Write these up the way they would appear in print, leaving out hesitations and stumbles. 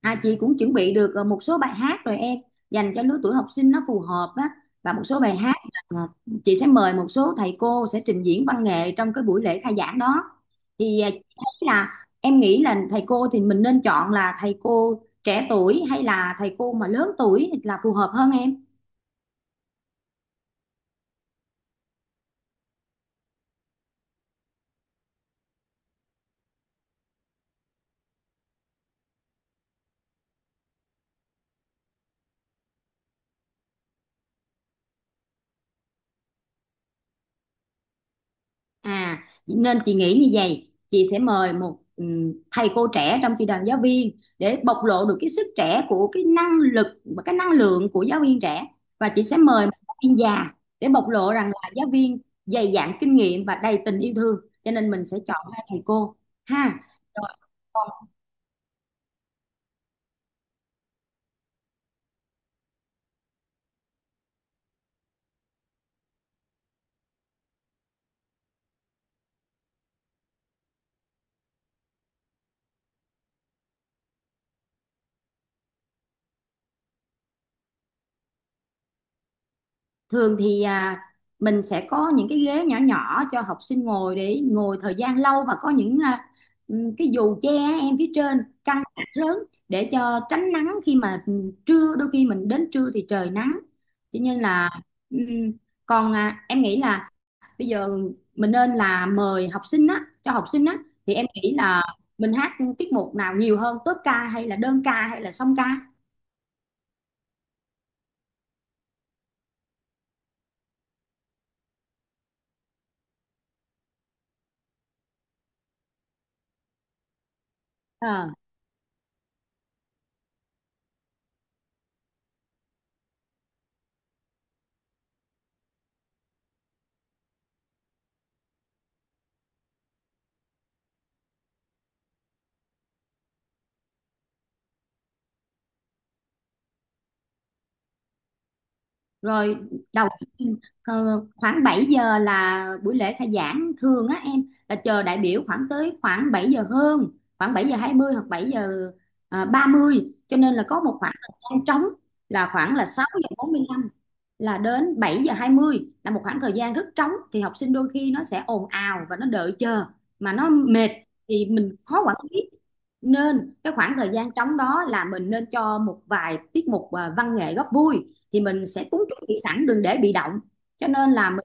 À, chị cũng chuẩn bị được một số bài hát rồi em, dành cho lứa tuổi học sinh nó phù hợp á, và một số bài hát. Ờ, chị sẽ mời một số thầy cô sẽ trình diễn văn nghệ trong cái buổi lễ khai giảng đó. Thì chị thấy là em nghĩ là thầy cô thì mình nên chọn là thầy cô trẻ tuổi hay là thầy cô mà lớn tuổi là phù hợp hơn em? À, nên chị nghĩ như vậy, chị sẽ mời một thầy cô trẻ trong chị đoàn giáo viên để bộc lộ được cái sức trẻ của cái năng lực và cái năng lượng của giáo viên trẻ, và chị sẽ mời một giáo viên già để bộc lộ rằng là giáo viên dày dặn kinh nghiệm và đầy tình yêu thương, cho nên mình sẽ chọn hai thầy cô ha. Thường thì mình sẽ có những cái ghế nhỏ nhỏ cho học sinh ngồi để ngồi thời gian lâu, và có những cái dù che em phía trên căng lớn để cho tránh nắng, khi mà trưa đôi khi mình đến trưa thì trời nắng, cho nên là ừm, còn em nghĩ là bây giờ mình nên là mời học sinh á cho học sinh á, thì em nghĩ là mình hát tiết mục nào nhiều hơn, tốp ca hay là đơn ca hay là song ca? Ờ. Rồi đầu khoảng 7 giờ là buổi lễ khai giảng thường á em, là chờ đại biểu khoảng tới khoảng 7 giờ hơn, khoảng 7:20 hoặc 7 giờ ba mươi, cho nên là có một khoảng thời gian trống, là khoảng là 6:45 là đến 7:20, là một khoảng thời gian rất trống, thì học sinh đôi khi nó sẽ ồn ào và nó đợi chờ mà nó mệt, thì mình khó quản lý, nên cái khoảng thời gian trống đó là mình nên cho một vài tiết mục văn nghệ góp vui, thì mình sẽ cúng chuẩn bị sẵn đừng để bị động, cho nên là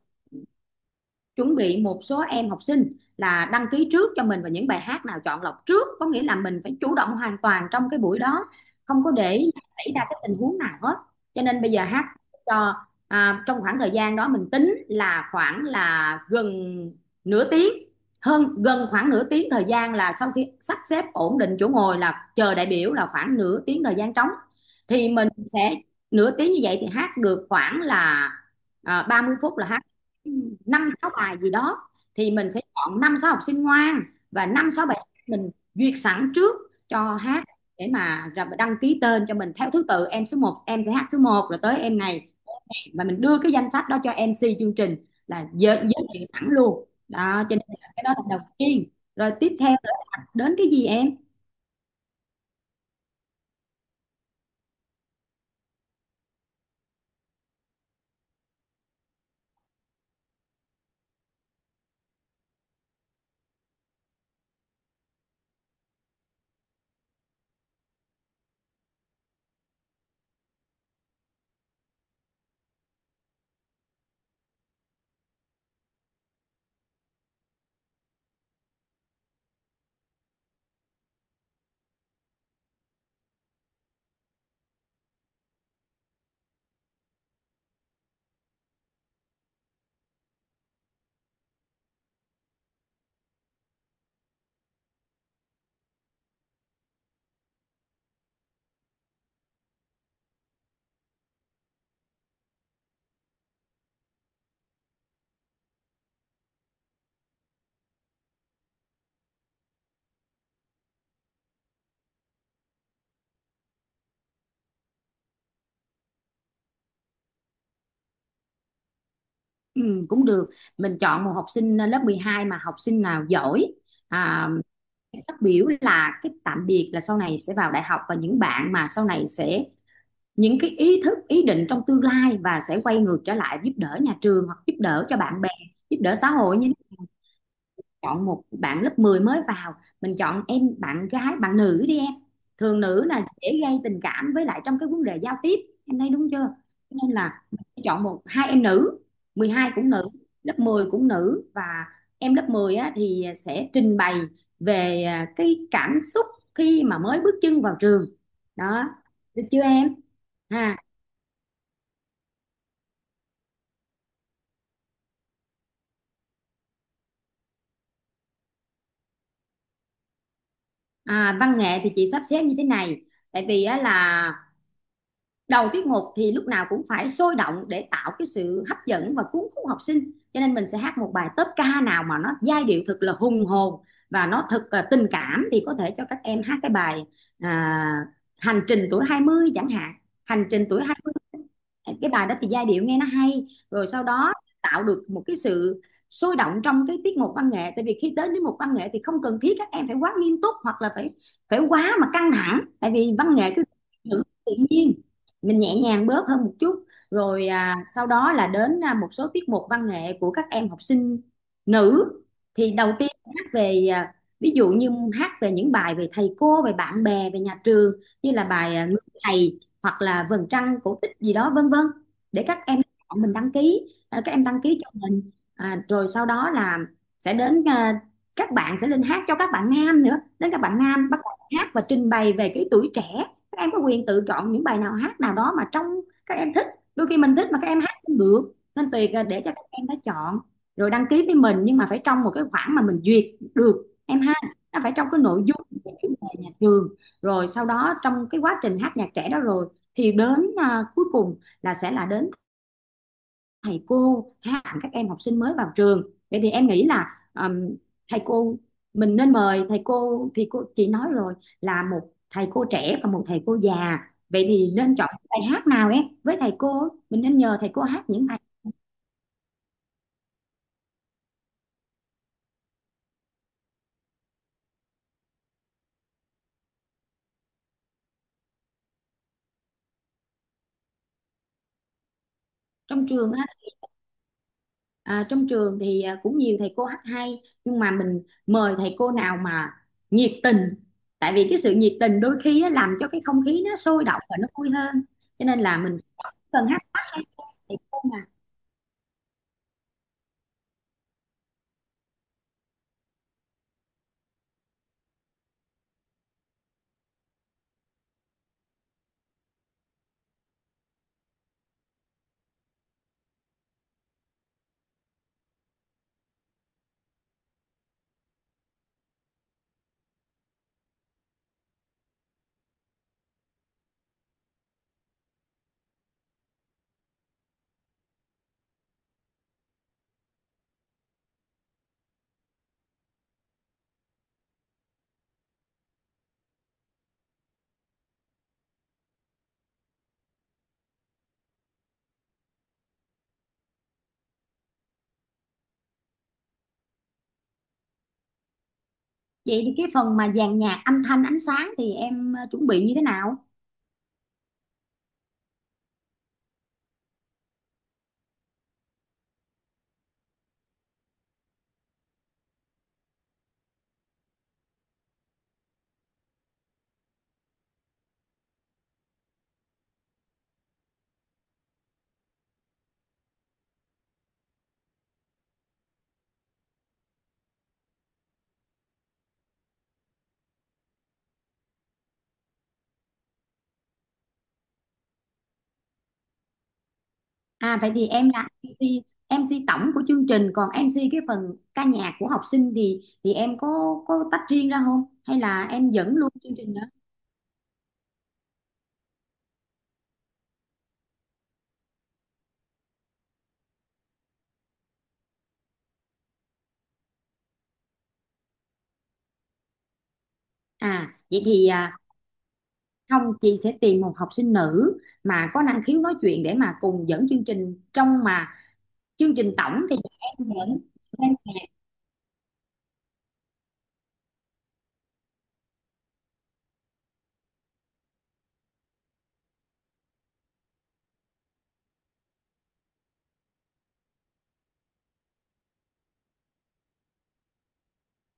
chuẩn bị một số em học sinh là đăng ký trước cho mình, và những bài hát nào chọn lọc trước, có nghĩa là mình phải chủ động hoàn toàn trong cái buổi đó, không có để xảy ra cái tình huống nào hết. Cho nên bây giờ hát cho trong khoảng thời gian đó mình tính là khoảng là gần nửa tiếng, hơn gần khoảng nửa tiếng thời gian, là sau khi sắp xếp ổn định chỗ ngồi, là chờ đại biểu là khoảng nửa tiếng thời gian trống, thì mình sẽ nửa tiếng như vậy thì hát được khoảng là 30 phút, là hát năm sáu bài gì đó, thì mình sẽ chọn năm sáu học sinh ngoan và năm sáu bài mình duyệt sẵn trước cho hát, để mà đăng ký tên cho mình theo thứ tự em, số một em sẽ hát số một rồi tới em này, và mình đưa cái danh sách đó cho MC chương trình là giới thiệu sẵn luôn đó, cho nên là cái đó là đầu tiên. Rồi tiếp theo là đến cái gì em? Ừ, cũng được. Mình chọn một học sinh lớp 12 mà học sinh nào giỏi, à, phát biểu là cái tạm biệt, là sau này sẽ vào đại học, và những bạn mà sau này sẽ những cái ý thức ý định trong tương lai và sẽ quay ngược trở lại giúp đỡ nhà trường, hoặc giúp đỡ cho bạn bè, giúp đỡ xã hội. Như chọn một bạn lớp 10 mới vào, mình chọn em bạn gái bạn nữ đi em, thường nữ là dễ gây tình cảm với lại trong cái vấn đề giao tiếp, em thấy đúng chưa? Cho nên là mình sẽ chọn một hai em nữ, 12 cũng nữ, lớp 10 cũng nữ, và em lớp 10 á, thì sẽ trình bày về cái cảm xúc khi mà mới bước chân vào trường đó, được chưa em? Ha. Văn nghệ thì chị sắp xếp như thế này, tại vì á, là đầu tiết mục thì lúc nào cũng phải sôi động để tạo cái sự hấp dẫn và cuốn hút học sinh, cho nên mình sẽ hát một bài tốp ca nào mà nó giai điệu thật là hùng hồn và nó thật là tình cảm, thì có thể cho các em hát cái bài à, hành trình tuổi 20 chẳng hạn. Hành trình tuổi 20, cái bài đó thì giai điệu nghe nó hay, rồi sau đó tạo được một cái sự sôi động trong cái tiết mục văn nghệ, tại vì khi đến đến một văn nghệ thì không cần thiết các em phải quá nghiêm túc, hoặc là phải phải quá mà căng thẳng, tại vì văn nghệ cứ tự nhiên, mình nhẹ nhàng bớt hơn một chút. Rồi sau đó là đến một số tiết mục văn nghệ của các em học sinh nữ, thì đầu tiên hát về ví dụ như hát về những bài về thầy cô, về bạn bè, về nhà trường, như là bài người thầy, hoặc là vầng trăng cổ tích gì đó vân vân, để các em chọn mình đăng ký, các em đăng ký cho mình, rồi sau đó là sẽ đến các bạn sẽ lên hát cho các bạn nam nữa, đến các bạn nam bắt đầu hát và trình bày về cái tuổi trẻ. Các em có quyền tự chọn những bài nào hát nào đó mà trong các em thích, đôi khi mình thích mà các em hát không được nên tùy để cho các em đã chọn rồi đăng ký với mình, nhưng mà phải trong một cái khoảng mà mình duyệt được em ha, nó phải trong cái nội dung về chủ đề nhà trường. Rồi sau đó trong cái quá trình hát nhạc trẻ đó rồi, thì đến cuối cùng là sẽ là đến thầy cô hạ các em học sinh mới vào trường, vậy thì em nghĩ là thầy cô, mình nên mời thầy cô thì cô chị nói rồi, là một thầy cô trẻ và một thầy cô già. Vậy thì nên chọn bài hát nào em, với thầy cô mình nên nhờ thầy cô hát những bài trong trường á. Trong trường thì cũng nhiều thầy cô hát hay, nhưng mà mình mời thầy cô nào mà nhiệt tình, tại vì cái sự nhiệt tình đôi khi á, làm cho cái không khí nó sôi động và nó vui hơn, cho nên là mình cần hát hát hay thầy cô nào. Vậy thì cái phần mà dàn nhạc, âm thanh, ánh sáng thì em chuẩn bị như thế nào? À vậy thì em là em MC tổng của chương trình, còn em MC cái phần ca nhạc của học sinh thì em có tách riêng ra không, hay là em dẫn luôn chương trình đó? À vậy thì không, chị sẽ tìm một học sinh nữ mà có năng khiếu nói chuyện để mà cùng dẫn chương trình, trong mà chương trình tổng thì em dẫn.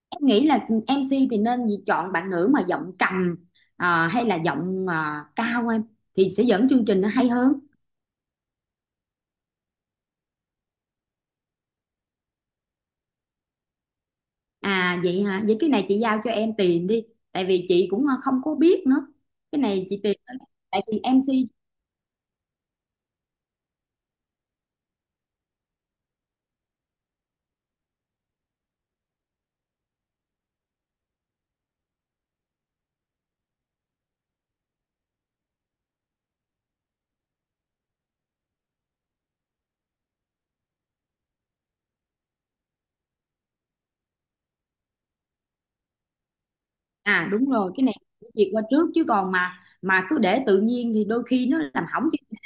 Em nghĩ là em MC thì nên chọn bạn nữ mà giọng trầm, hay là giọng cao em, thì sẽ dẫn chương trình nó hay hơn. À vậy hả, vậy cái này chị giao cho em tìm đi, tại vì chị cũng không có biết nữa, cái này chị tìm thôi. Tại vì em MC. À đúng rồi, cái này chị duyệt qua trước, chứ còn mà cứ để tự nhiên thì đôi khi nó làm hỏng chương trình.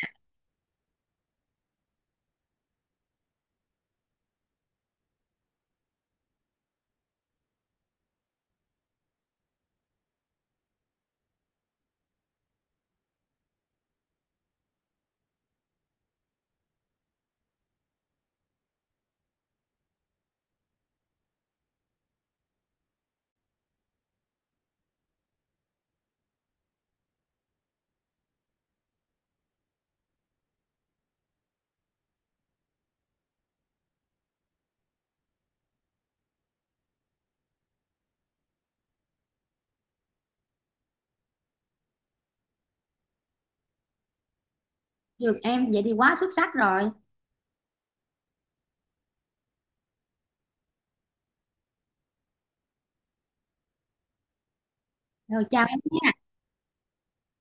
Được em, vậy thì quá xuất sắc rồi. Rồi, chào em nhé.